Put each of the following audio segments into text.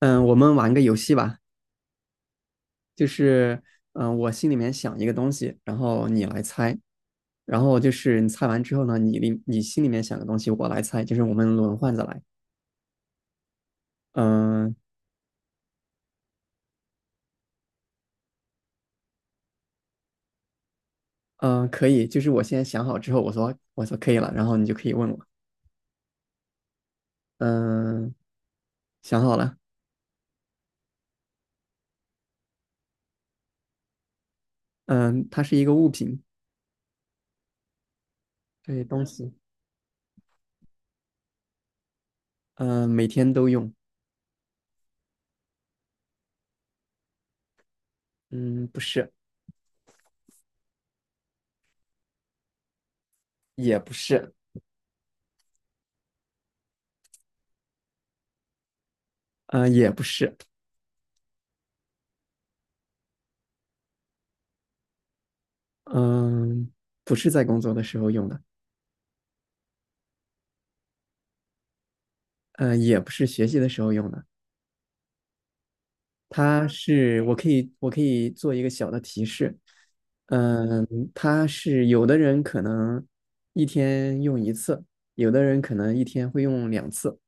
嗯，我们玩个游戏吧。就是我心里面想一个东西，然后你来猜。然后就是你猜完之后呢，你心里面想的东西，我来猜，就是我们轮换着来。嗯嗯，可以，就是我现在想好之后，我说可以了，然后你就可以问我。嗯，想好了。嗯，它是一个物品，对，东西。嗯，每天都用。嗯，不是，也不是，嗯，也不是，嗯，不是在工作的时候用的，嗯，也不是学习的时候用的。它是我可以做一个小的提示。嗯，它是有的人可能一天用一次，有的人可能一天会用两次，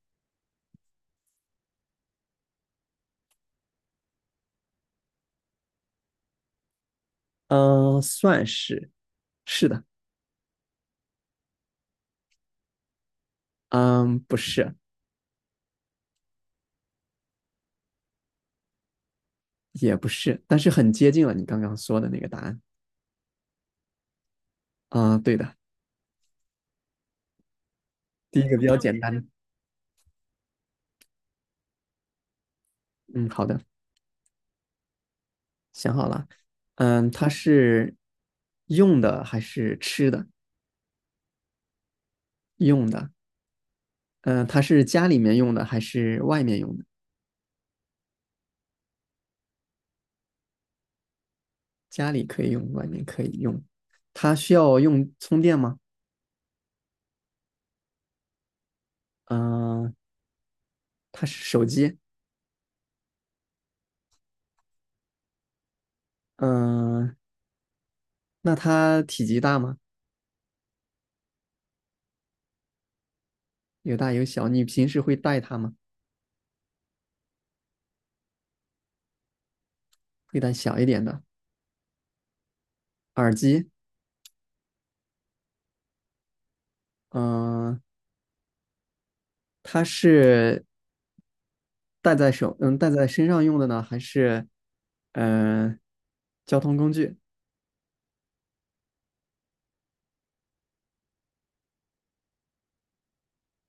嗯，算是是的。嗯，不是。也不是，但是很接近了你刚刚说的那个答案。啊，对的。第一个比较简单。嗯，好的，想好了。嗯，它是用的还是吃的？用的。嗯，它是家里面用的还是外面用的？家里可以用，外面可以用。它需要用充电吗？嗯、呃它是手机。嗯、呃那它体积大吗？有大有小。你平时会带它吗？会带小一点的耳机。嗯、呃它是戴在手，嗯，戴在身上用的呢，还是嗯、呃交通工具？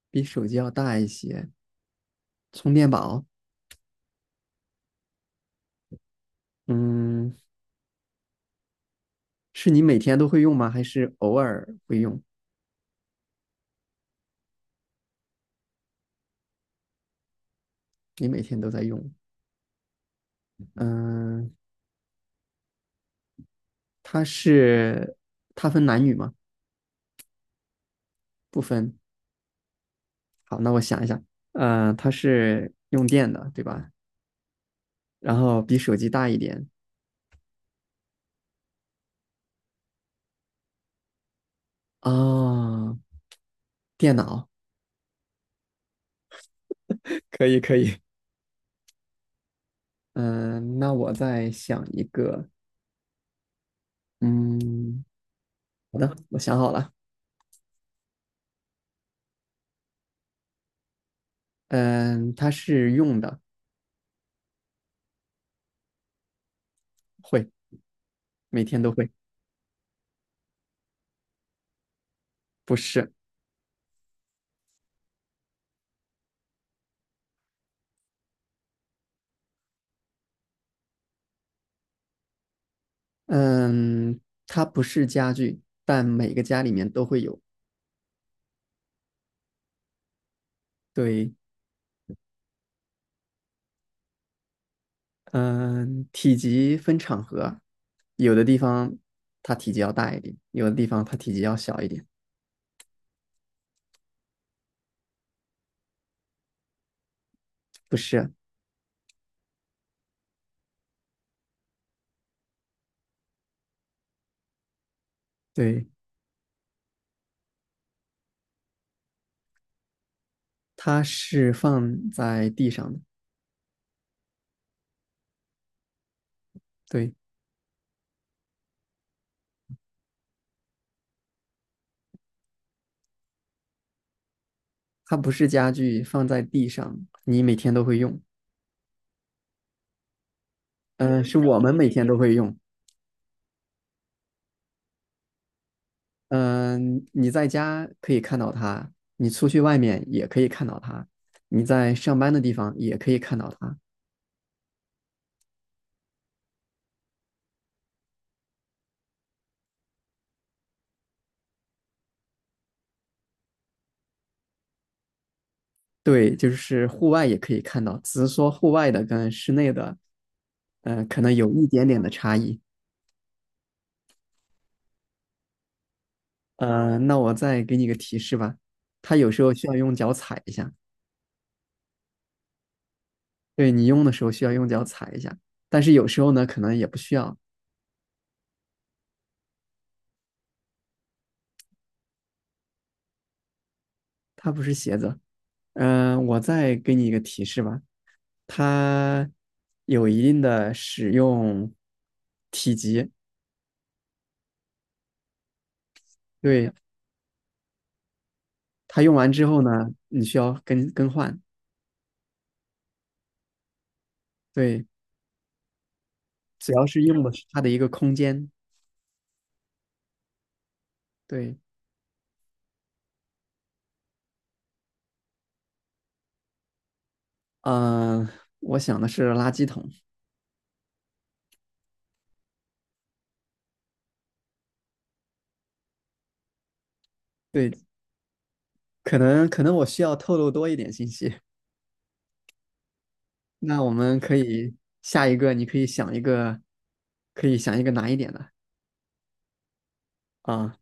比手机要大一些。充电宝，嗯，是你每天都会用吗？还是偶尔会用？你每天都在用？嗯、它是它分男女吗？不分。好，那我想一想。它是用电的，对吧？然后比手机大一点。啊。电脑，可以可以。嗯，那我再想一个。嗯，好的，我想好了。嗯，它是用的，会，每天都会。不是，嗯，它不是家具，但每个家里面都会有。对，嗯，体积分场合，有的地方它体积要大一点，有的地方它体积要小一点。不是，对，它是放在地上的。对，它不是家具，放在地上，你每天都会用。嗯，是我们每天都会用。嗯，你在家可以看到它，你出去外面也可以看到它，你在上班的地方也可以看到它。对，就是户外也可以看到，只是说户外的跟室内的，可能有一点点的差异。那我再给你个提示吧，它有时候需要用脚踩一下。对，你用的时候需要用脚踩一下，但是有时候呢，可能也不需要。它不是鞋子。我再给你一个提示吧，它有一定的使用体积。对，它用完之后呢，你需要更换，对，主要是用的是它的一个空间。对，嗯、我想的是垃圾桶。对，可能我需要透露多一点信息。那我们可以下一个，你可以想一个，难一点的啊。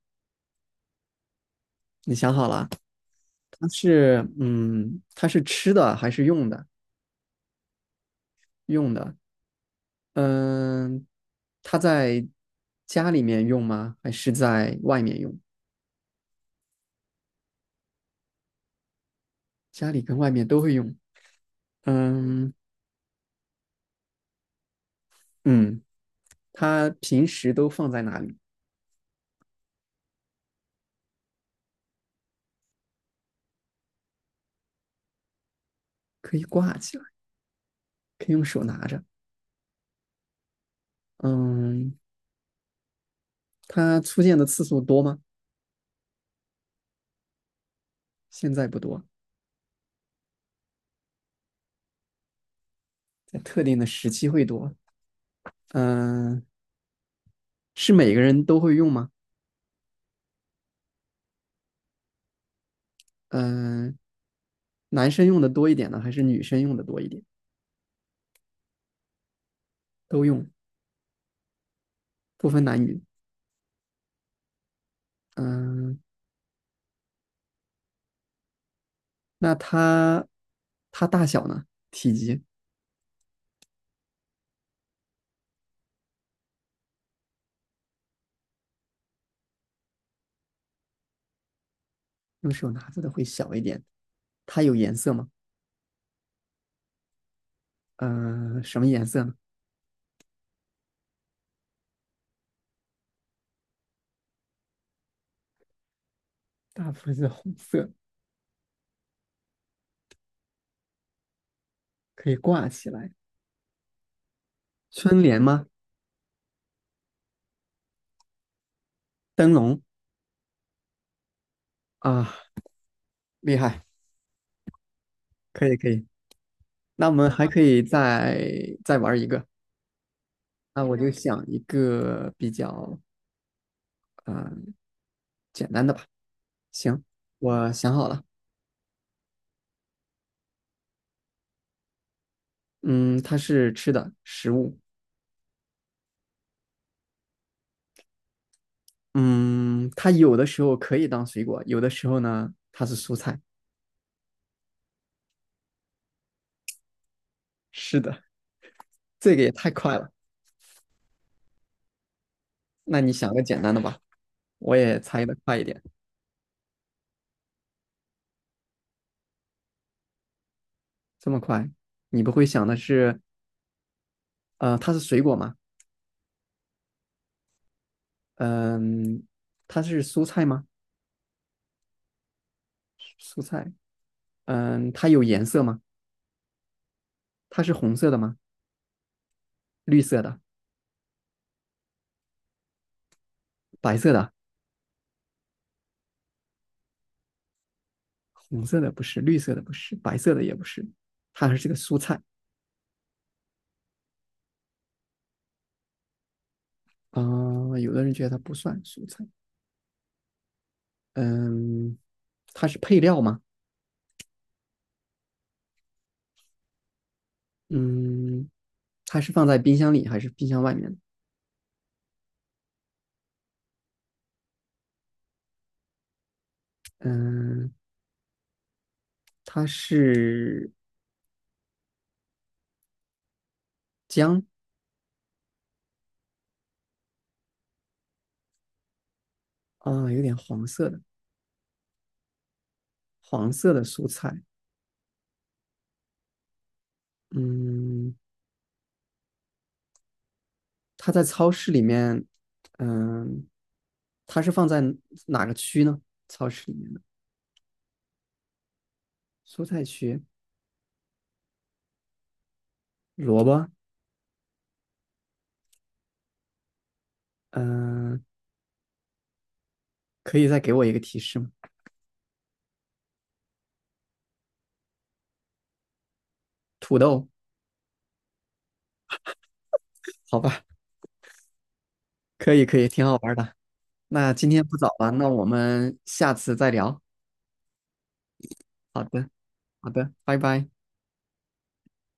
你想好了？它是吃的还是用的？用的。嗯，它在家里面用吗？还是在外面用？家里跟外面都会用。嗯嗯，它平时都放在哪里？可以挂起来，可以用手拿着。嗯，它出现的次数多吗？现在不多，在特定的时期会多。嗯，是每个人都会用吗？嗯，男生用的多一点呢，还是女生用的多一点？都用，不分男女。嗯，那它大小呢？体积，用手拿着的会小一点。它有颜色吗？嗯，什么颜色呢？大部分是红色，可以挂起来。春联吗？灯笼啊，厉害，可以可以。那我们还可以再玩一个。那我就想一个比较啊、呃简单的吧。行，我想好了。嗯，它是吃的食物。嗯，它有的时候可以当水果，有的时候呢它是蔬菜。是的，这个也太快了。那你想个简单的吧，我也猜的快一点。这么快，你不会想的是它是水果吗？嗯，它是蔬菜吗？蔬菜。嗯，它有颜色吗？它是红色的吗？绿色的、白色的、红色的不是，绿色的不是，白色的也不是，它还是个蔬菜。有的人觉得它不算蔬菜，嗯，它是配料吗？嗯，它是放在冰箱里还是冰箱外面。嗯，它是姜有点黄色的，黄色的蔬菜。嗯，它在超市里面，嗯，它是放在哪个区呢？超市里面的蔬菜区，萝卜。嗯、呃可以再给我一个提示吗？土豆，好吧，可以可以，挺好玩的。那今天不早了，那我们下次再聊。好的，好的，拜拜。